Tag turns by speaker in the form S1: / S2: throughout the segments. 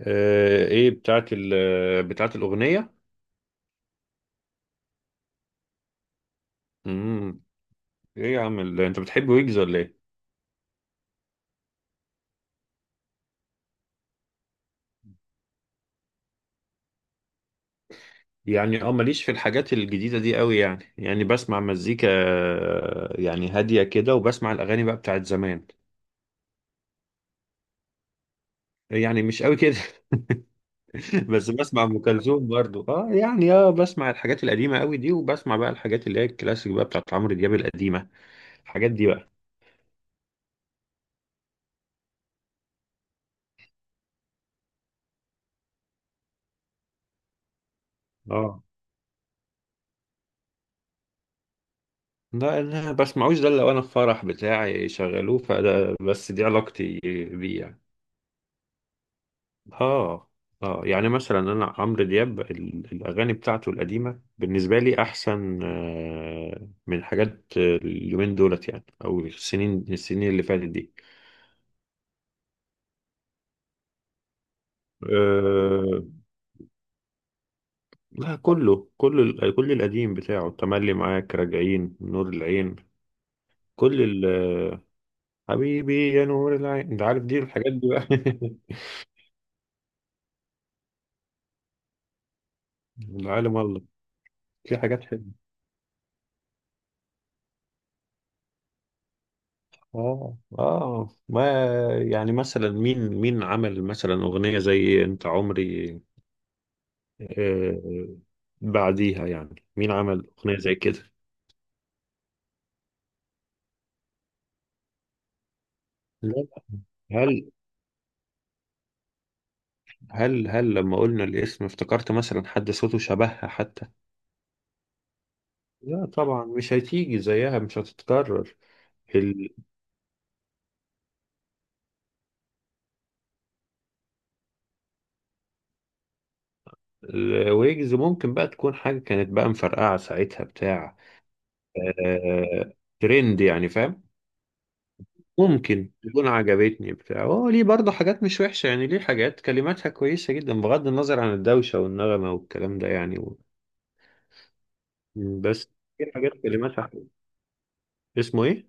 S1: ايه بتاعت بتاعت الأغنية. امم ايه يا عم انت بتحب ويجز ولا ايه؟ يعني ماليش في الحاجات الجديدة دي قوي. يعني بسمع مزيكا، يعني هادية كده، وبسمع الأغاني بقى بتاعت زمان. يعني مش قوي كده. بس بسمع أم كلثوم برضو. اه يعني بسمع الحاجات القديمة قوي دي، وبسمع بقى الحاجات اللي هي الكلاسيك بقى بتاعت عمرو دياب القديمة، الحاجات دي بقى. اه لا، انا بسمعوش ده إلا لو انا في فرح بتاعي شغلوه، فده بس دي علاقتي بيه يعني. اه اه. يعني مثلا انا عمرو دياب الاغاني بتاعته القديمه بالنسبه لي احسن، من حاجات، اليومين دولت يعني، او السنين اللي فاتت دي. آه لا، كله، كل القديم بتاعه، تملي، معاك، راجعين، نور العين، كل ال آه، حبيبي يا نور العين، انت عارف دي، الحاجات دي بقى. العالم الله، في حاجات حلوه. اه اه. ما يعني مثلا مين عمل مثلا أغنية زي انت عمري؟ آه بعديها يعني مين عمل أغنية زي كده؟ لا، هل هل لما قلنا الاسم افتكرت مثلا حد صوته شبهها حتى؟ لا طبعا، مش هتيجي زيها، مش هتتكرر. ال- الويجز ممكن بقى تكون حاجة كانت بقى مفرقعة ساعتها بتاع، آه ترند يعني فاهم. ممكن تكون عجبتني بتاع، هو ليه برضه حاجات مش وحشة يعني، ليه حاجات كلماتها كويسة جدا بغض النظر عن الدوشة والنغمة والكلام ده يعني و. بس في حاجات كلماتها حلوة. اسمه ايه؟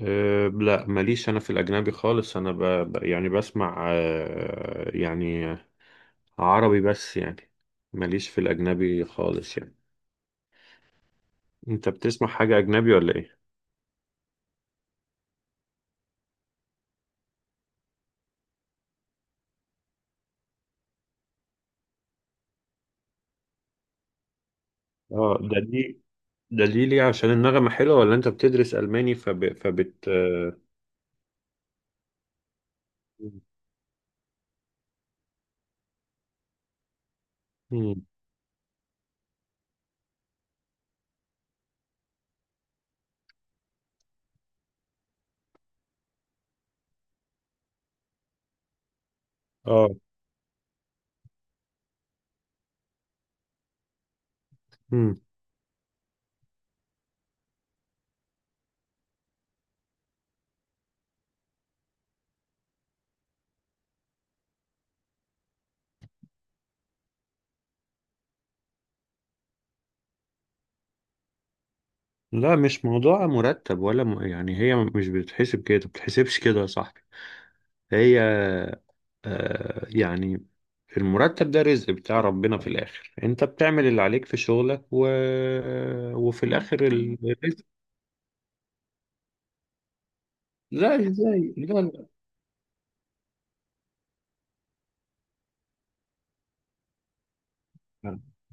S1: أه لا، ماليش انا في الاجنبي خالص، انا يعني بسمع يعني عربي بس يعني، ماليش في الاجنبي خالص يعني. انت بتسمع حاجة اجنبي ولا ايه؟ اه، ده دي، ليه؟ عشان النغمة حلوة، ولا انت بتدرس الماني؟ فب... فبت آه، مم. اه لا، مش موضوع مرتب ولا يعني، هي مش بتتحسب كده، بتتحسبش كده يا صاحبي. هي، يعني المرتب ده رزق بتاع ربنا في الآخر، انت بتعمل اللي عليك في شغلك، و. وفي الآخر الرزق. لا ازاي، لا لا.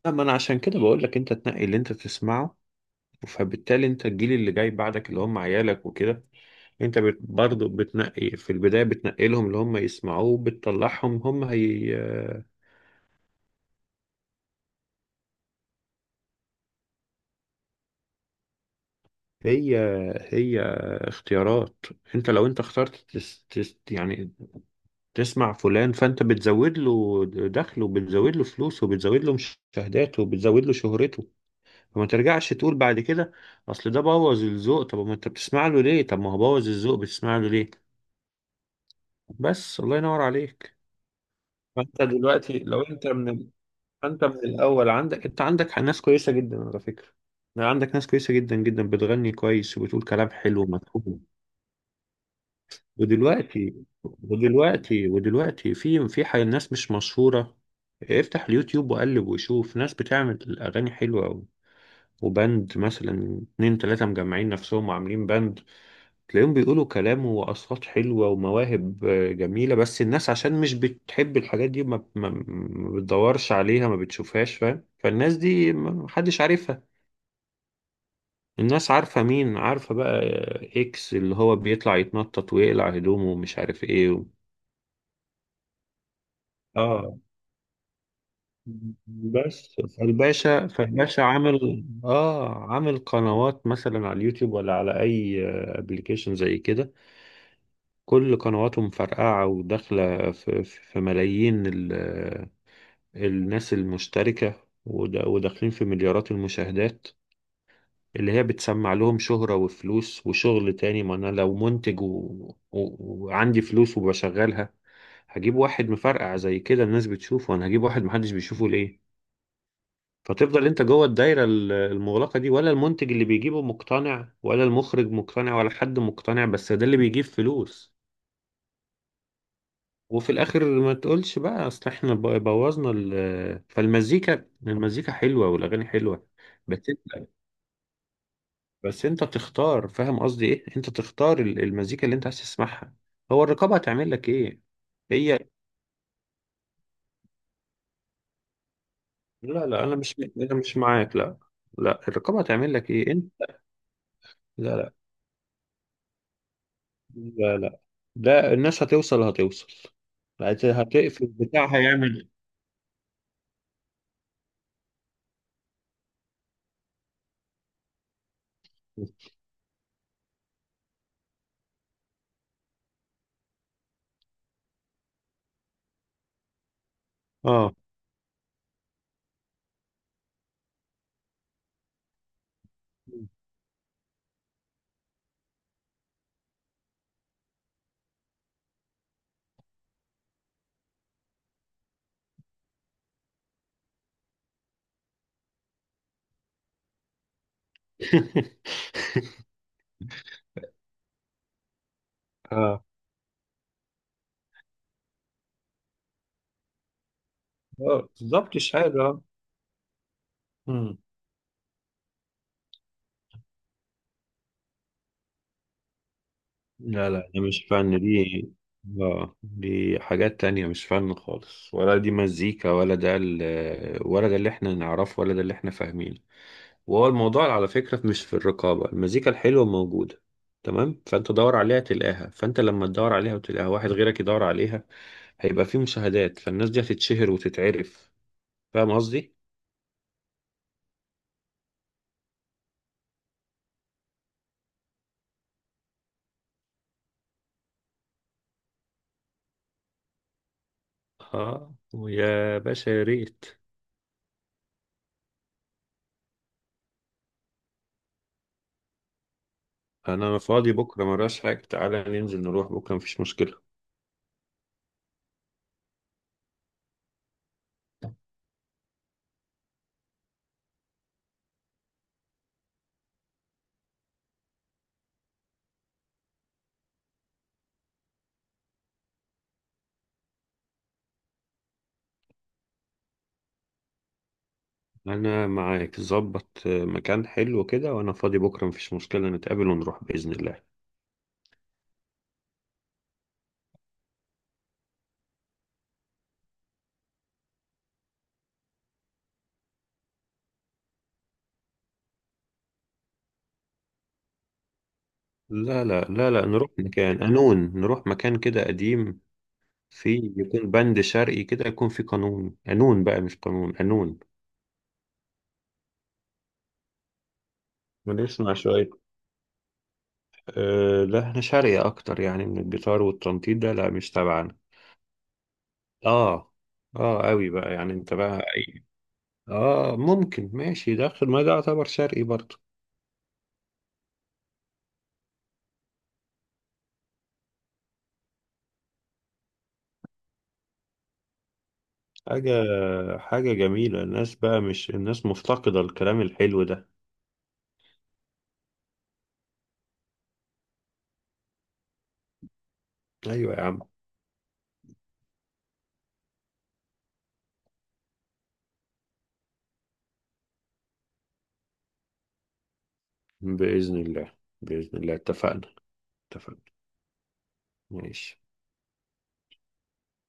S1: لا، ما انا عشان كده بقول لك انت تنقي اللي انت تسمعه، فبالتالي انت الجيل اللي جاي بعدك اللي هم عيالك وكده، انت برضه بتنقي في البداية، بتنقي لهم اللي هم يسمعوه، بتطلعهم هم. هي هي اختيارات. انت لو اخترت تس تس يعني تسمع فلان، فانت بتزود له دخله، وبتزود له فلوسه، وبتزود له مشاهداته، وبتزود له شهرته. فما ترجعش تقول بعد كده اصل ده بوظ الذوق. طب ما انت بتسمع له ليه؟ طب ما هو بوظ الذوق، بتسمع له ليه؟ بس الله ينور عليك. فانت دلوقتي لو انت من الاول عندك ناس كويسة جدا على فكرة، عندك ناس كويسة جدا جدا بتغني كويس وبتقول كلام حلو ومفهوم. ودلوقتي ودلوقتي في ناس مش مشهورة. افتح اليوتيوب وقلب وشوف ناس بتعمل أغاني حلوة أوي، وبند مثلا اتنين تلاتة مجمعين نفسهم وعاملين بند، تلاقيهم بيقولوا كلام وأصوات حلوة ومواهب جميلة، بس الناس عشان مش بتحب الحاجات دي ما بتدورش عليها ما بتشوفهاش فاهم. فالناس دي محدش عارفها. الناس عارفة مين؟ عارفة بقى، إكس اللي هو بيطلع يتنطط ويقلع هدومه ومش عارف إيه و. اه بس فالباشا عامل قنوات مثلا على اليوتيوب ولا على اي ابلكيشن زي كده. كل قنواته مفرقعه وداخله في ملايين الناس المشتركه، وداخلين في مليارات المشاهدات، اللي هي بتسمع لهم شهره وفلوس وشغل تاني. ما انا لو منتج، و، و، وعندي فلوس وبشغلها، هجيب واحد مفرقع زي كده الناس بتشوفه، انا هجيب واحد محدش بيشوفه ليه؟ فتفضل انت جوه الدايره المغلقه دي. ولا المنتج اللي بيجيبه مقتنع، ولا المخرج مقتنع، ولا حد مقتنع، بس ده اللي بيجيب فلوس. وفي الاخر ما تقولش بقى اصل احنا بوظنا فالمزيكا، المزيكا حلوه والاغاني حلوه. بس انت بس انت تختار، فاهم قصدي ايه، انت تختار المزيكا اللي انت عايز تسمعها. هو الرقابه هتعمل لك ايه؟ هي، لا لا، انا مش معاك. لا لا، الرقابه هتعمل لك ايه انت؟ لا لا لا لا لا، الناس هتوصل، هتوصل، هتقفل بتاع هيعمل. اه. اه، بالظبط الشهادة آه. مم. لا لا، ده مش فن دي. اه دي حاجات تانية، مش فن خالص، ولا دي مزيكا، ولا ده ولا ده اللي احنا نعرفه، ولا ده اللي احنا فاهمينه. وهو الموضوع على فكرة مش في الرقابة، المزيكا الحلوة موجودة، تمام، فانت دور عليها تلاقيها. فانت لما تدور عليها وتلاقيها، واحد غيرك يدور عليها، هيبقى في مشاهدات، فالناس دي هتتشهر وتتعرف. فاهم قصدي؟ اه ويا باشا يا ريت. انا فاضي بكرة مراش حاجة، تعالى ننزل نروح بكرة مفيش مشكلة. انا معاك، ظبط مكان حلو كده، وانا فاضي بكرة مفيش مشكلة، نتقابل ونروح بإذن الله. لا لا لا لا، نروح مكان قانون، نروح مكان كده قديم، في يكون بند شرعي كده، يكون في قانون قانون بقى مش قانون قانون. بنسمع شوية. أه لا، احنا شرعي أكتر يعني من الجيتار والتنطيط ده، لا مش تبعنا. اه اه قوي بقى يعني انت بقى أي. اه ممكن، ماشي داخل ما ده يعتبر شرقي برضه. حاجة حاجة جميلة، الناس بقى مش الناس مفتقدة الكلام الحلو ده. أيوة يا عم. بإذن الله، بإذن الله اتفقنا. اتفقنا، ماشي.